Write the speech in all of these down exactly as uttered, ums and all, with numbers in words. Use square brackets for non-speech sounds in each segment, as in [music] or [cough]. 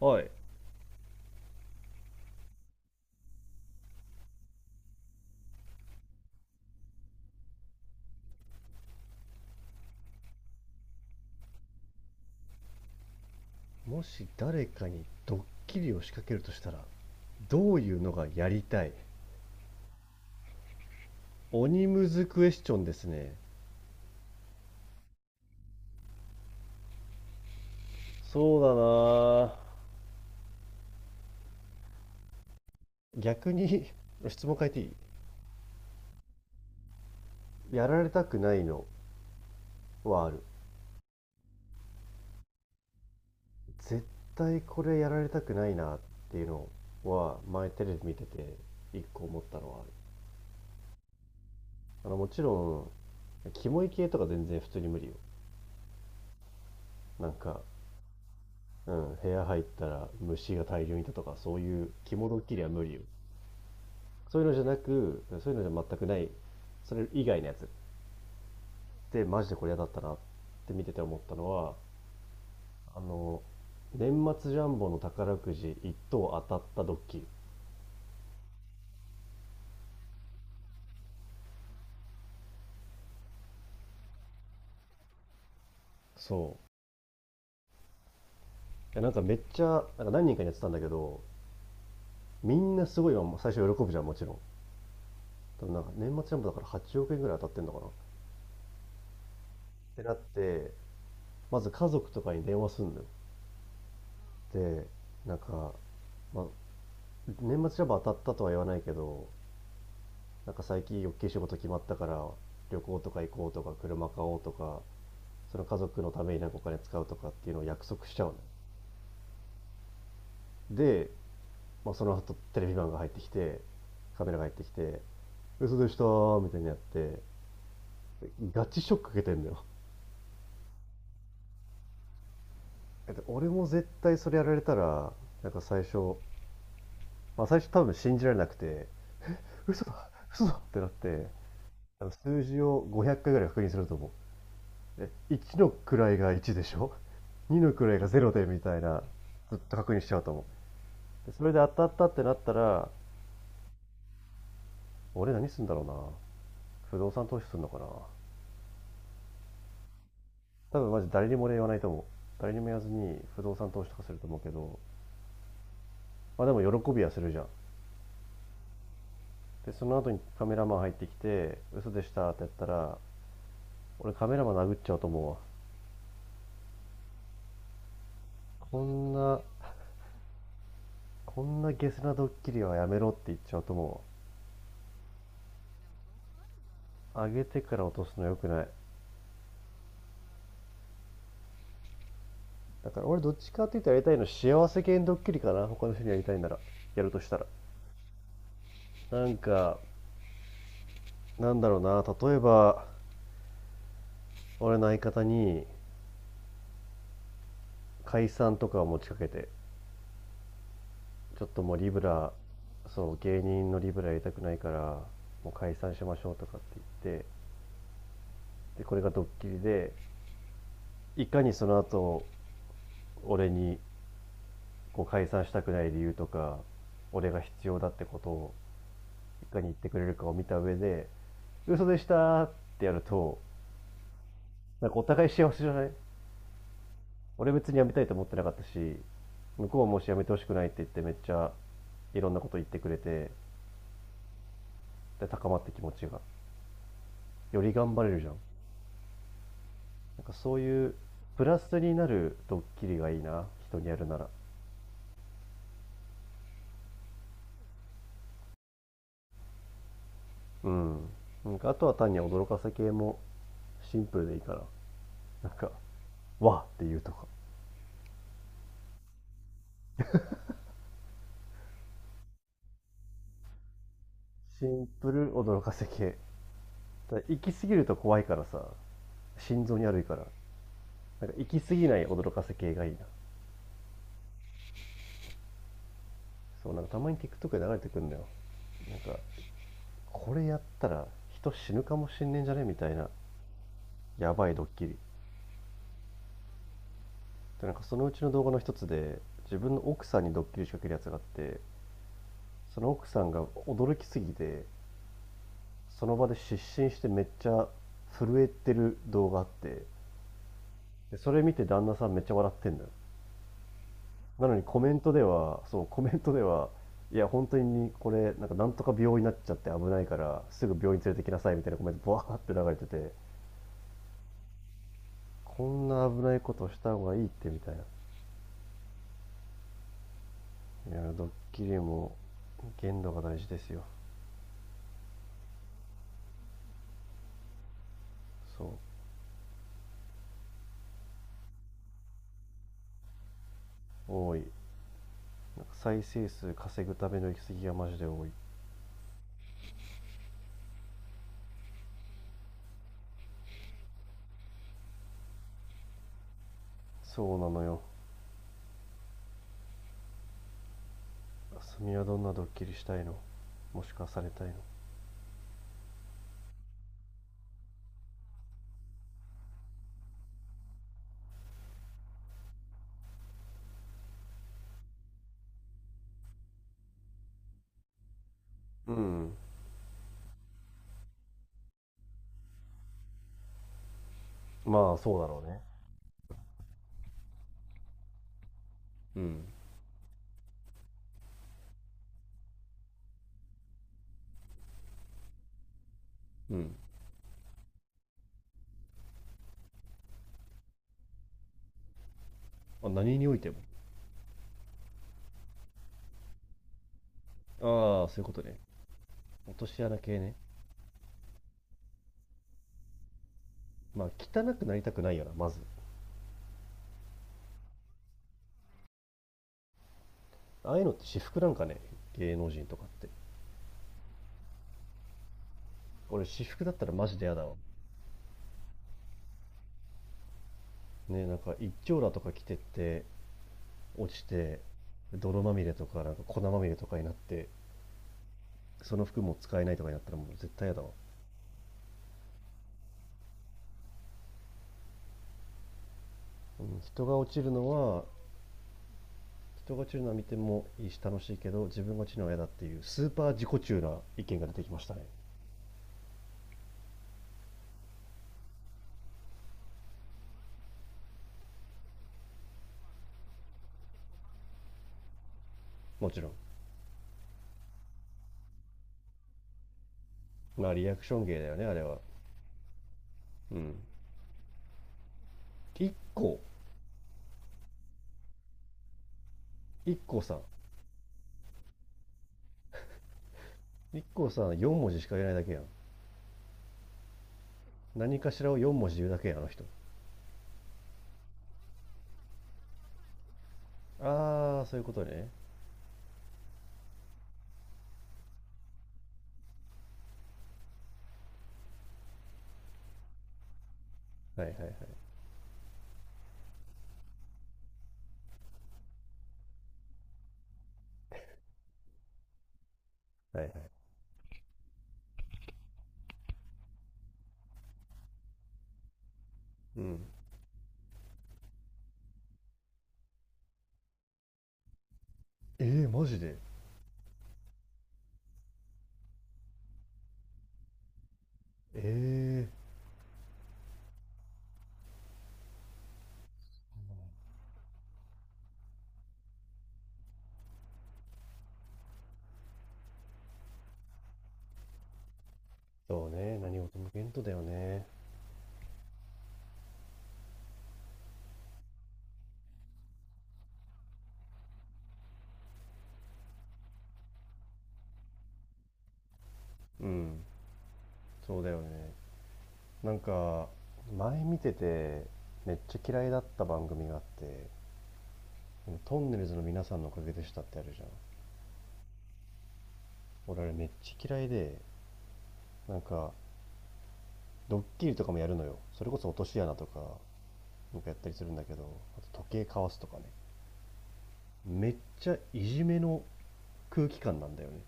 おい、もし誰かにドッキリを仕掛けるとしたら、どういうのがやりたい？鬼ムズクエスチョンですね。そうだなぁ、逆に [laughs] 質問変えていい？やられたくないのはある。絶対これやられたくないなっていうのは、前テレビ見てて一個思ったのはある。あのもちろん、キモい系とか全然普通に無理よ。なんか、うん、部屋入ったら虫が大量にいたとかそういうキモドッキリは無理よ。そういうのじゃなくそういうのじゃ全くない。それ以外のやつってマジでこれ嫌だったなって見てて思ったのは、あの年末ジャンボの宝くじいっとう等当たったドッキリ。そう、いや、なんかめっちゃなんか何人かにやってたんだけど、みんなすごいわ、最初喜ぶじゃん、もちろん。多分なんか年末ジャンボだからはちおく円ぐらい当たってんのかなってなって、まず家族とかに電話すんのよ。で、なんか、まあ、年末ジャンボ当たったとは言わないけど、なんか最近大きい仕事決まったから、旅行とか行こうとか車買おうとか、その家族のためになんかお金使うとかっていうのを約束しちゃうの。で、まあ、その後テレビマンが入ってきて、カメラが入ってきて「嘘でした」みたいにやって、ガチショック受けてんのよ。 [laughs] 俺も絶対それやられたら、なんか最初、まあ、最初多分信じられなくて、「嘘だ嘘だ！」ってなって、数字をごひゃっかいぐらい確認すると思う。え、いちの位がいちでしょ、にの位がゼロでみたいな、ずっと確認しちゃうと思う。それで当たったってなったら、俺何すんだろうな。不動産投資すんのかな。多分マジ誰にも俺言わないと思う。誰にも言わずに不動産投資とかすると思うけど、まあでも喜びはするじゃん。でその後にカメラマン入ってきて嘘でしたってやったら、俺カメラマン殴っちゃうと思うわ。こんなこんなゲスなドッキリはやめろって言っちゃうと思う。上げてから落とすの良くない。だから俺どっちかって言ったらやりたいの幸せ系のドッキリかな、他の人にやりたいなら、やるとしたら。なんかなんだろうな、例えば俺の相方に解散とかを持ちかけて、ちょっともうリブラ、そう、芸人のリブラやりたくないから、もう解散しましょうとかって言って、でこれがドッキリで、いかにその後俺にこう解散したくない理由とか、俺が必要だってことをいかに言ってくれるかを見た上で、嘘でしたーってやると、なんかお互い幸せじゃない？俺別に辞めたいと思ってなかったし、向こうはもし辞めてほしくないって言って、めっちゃいろんなこと言ってくれて、で、高まって気持ちが。より頑張れるじゃん。なんかそういうプラスになるドッキリがいいな、人にやるなら。うん。なんかあとは単に驚かせ系もシンプルでいいから。なんか、わっていうとか。シンプル驚かせ系。ただ行き過ぎると怖いからさ、心臓に悪いから。なんか行き過ぎない驚かせ系がいいな。そう、なんかたまに TikTok で流れてくるんだよ。なんかこれやったら人死ぬかもしんねえんじゃねみたいな、やばいドッキリで、なんかそのうちの動画の一つで自分の奥さんにドッキリ仕掛けるやつがあって、その奥さんが驚きすぎて、その場で失神してめっちゃ震えてる動画あって、でそれ見て旦那さんめっちゃ笑ってんだよ。なのにコメントでは、そう、コメントでは、いや本当にこれなんかなんとか病院になっちゃって危ないからすぐ病院連れてきなさいみたいなコメントバーって流れてて、こんな危ないことした方がいいってみたいな。いやドッキリも限度が大事ですよ。そう、多い。なんか再生数稼ぐための行き過ぎがマジで多い。そうなのよ。あすみはどんなドッキリしたいの？もしくはされたいの？うん。のまあそうだろうね。うん、うん、あ、何においても？ああ、そういうことね。落とし穴系ね。まあ汚くなりたくないよな、まず。ああいうのって私服なんかね、芸能人とかって。俺私服だったらマジで嫌だわ。ね、なんか一丁羅とか着てって落ちて泥まみれとかなんか粉まみれとかになって、その服も使えないとかになったらもう絶対やだわ。うん、人が落ちるのは人が落ちるのは見てもいいし楽しいけど、自分が落ちるのは嫌だっていうスーパー自己中な意見が出てきましたね。もちろん。まあリアクション芸だよね、あれは。うん。一個一個さん一個さんよん文字しか言えないだけやん。何かしらをよん文字言うだけやん、あの人。ああ、そういうことね。はいはいはい。はいはい。うん。えー、マジで？え、そうね、何事も限度だよね。うん、そうだよね。なんか、前見てて、めっちゃ嫌いだった番組があって、トンネルズの皆さんのおかげでしたってあるじゃん。俺あれめっちゃ嫌いで、なんか、ドッキリとかもやるのよ。それこそ落とし穴とか、なんかやったりするんだけど、あと時計かわすとかね。めっちゃいじめの空気感なんだよね。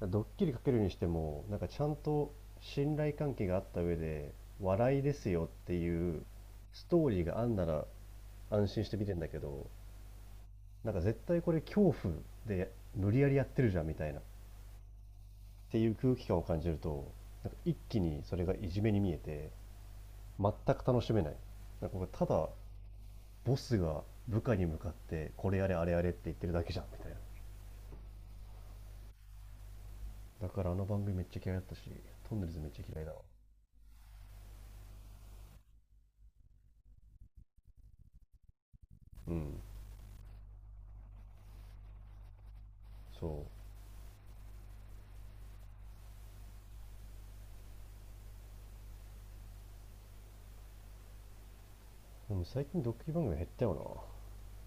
ドッキリかけるにしても、なんかちゃんと信頼関係があった上で、笑いですよっていうストーリーがあんなら安心して見てんだけど、なんか絶対これ恐怖で無理やりやってるじゃんみたいな、っていう空気感を感じると、なんか一気にそれがいじめに見えて、全く楽しめない。なんかこれただボスが部下に向かって、これやれあれやれって言ってるだけじゃんみたいな。だからあの番組めっちゃ嫌いだったし、トンネルズめっちゃ嫌いだわ。うん、そう。でも最近ドッキリ番組減ったよ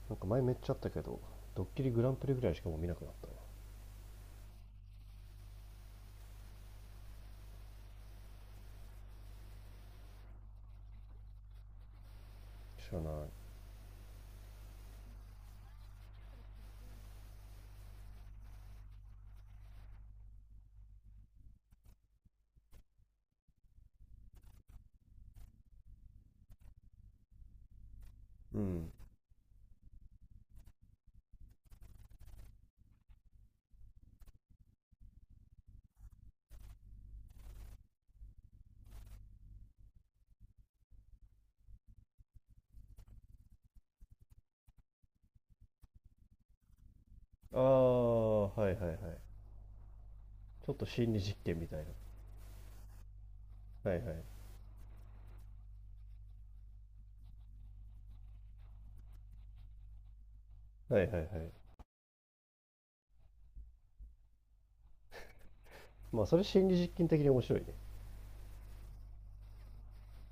な。なんか前めっちゃあったけど、ドッキリグランプリぐらいしかもう見なくなったね。知らない。うん。ああ、はいはいはい。ちょっと心理実験みたいな。はいはい。はいはいはい。まあそれ心理実験的に面白いね。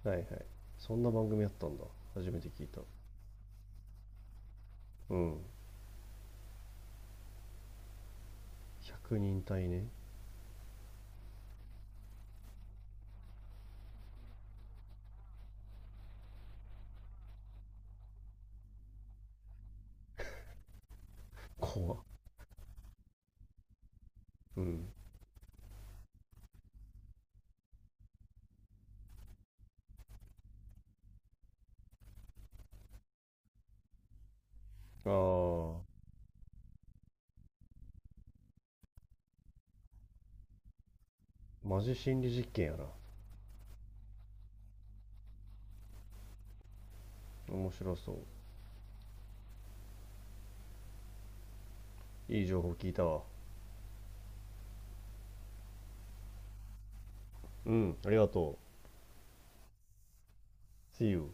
はいはい。そんな番組やったんだ。初めて聞いた。うん。ひゃくにん隊ね。怖っ。うん。ああ、マジ心理実験やな。面白そう。いい情報聞いたわ。うん、ありがとう。See you.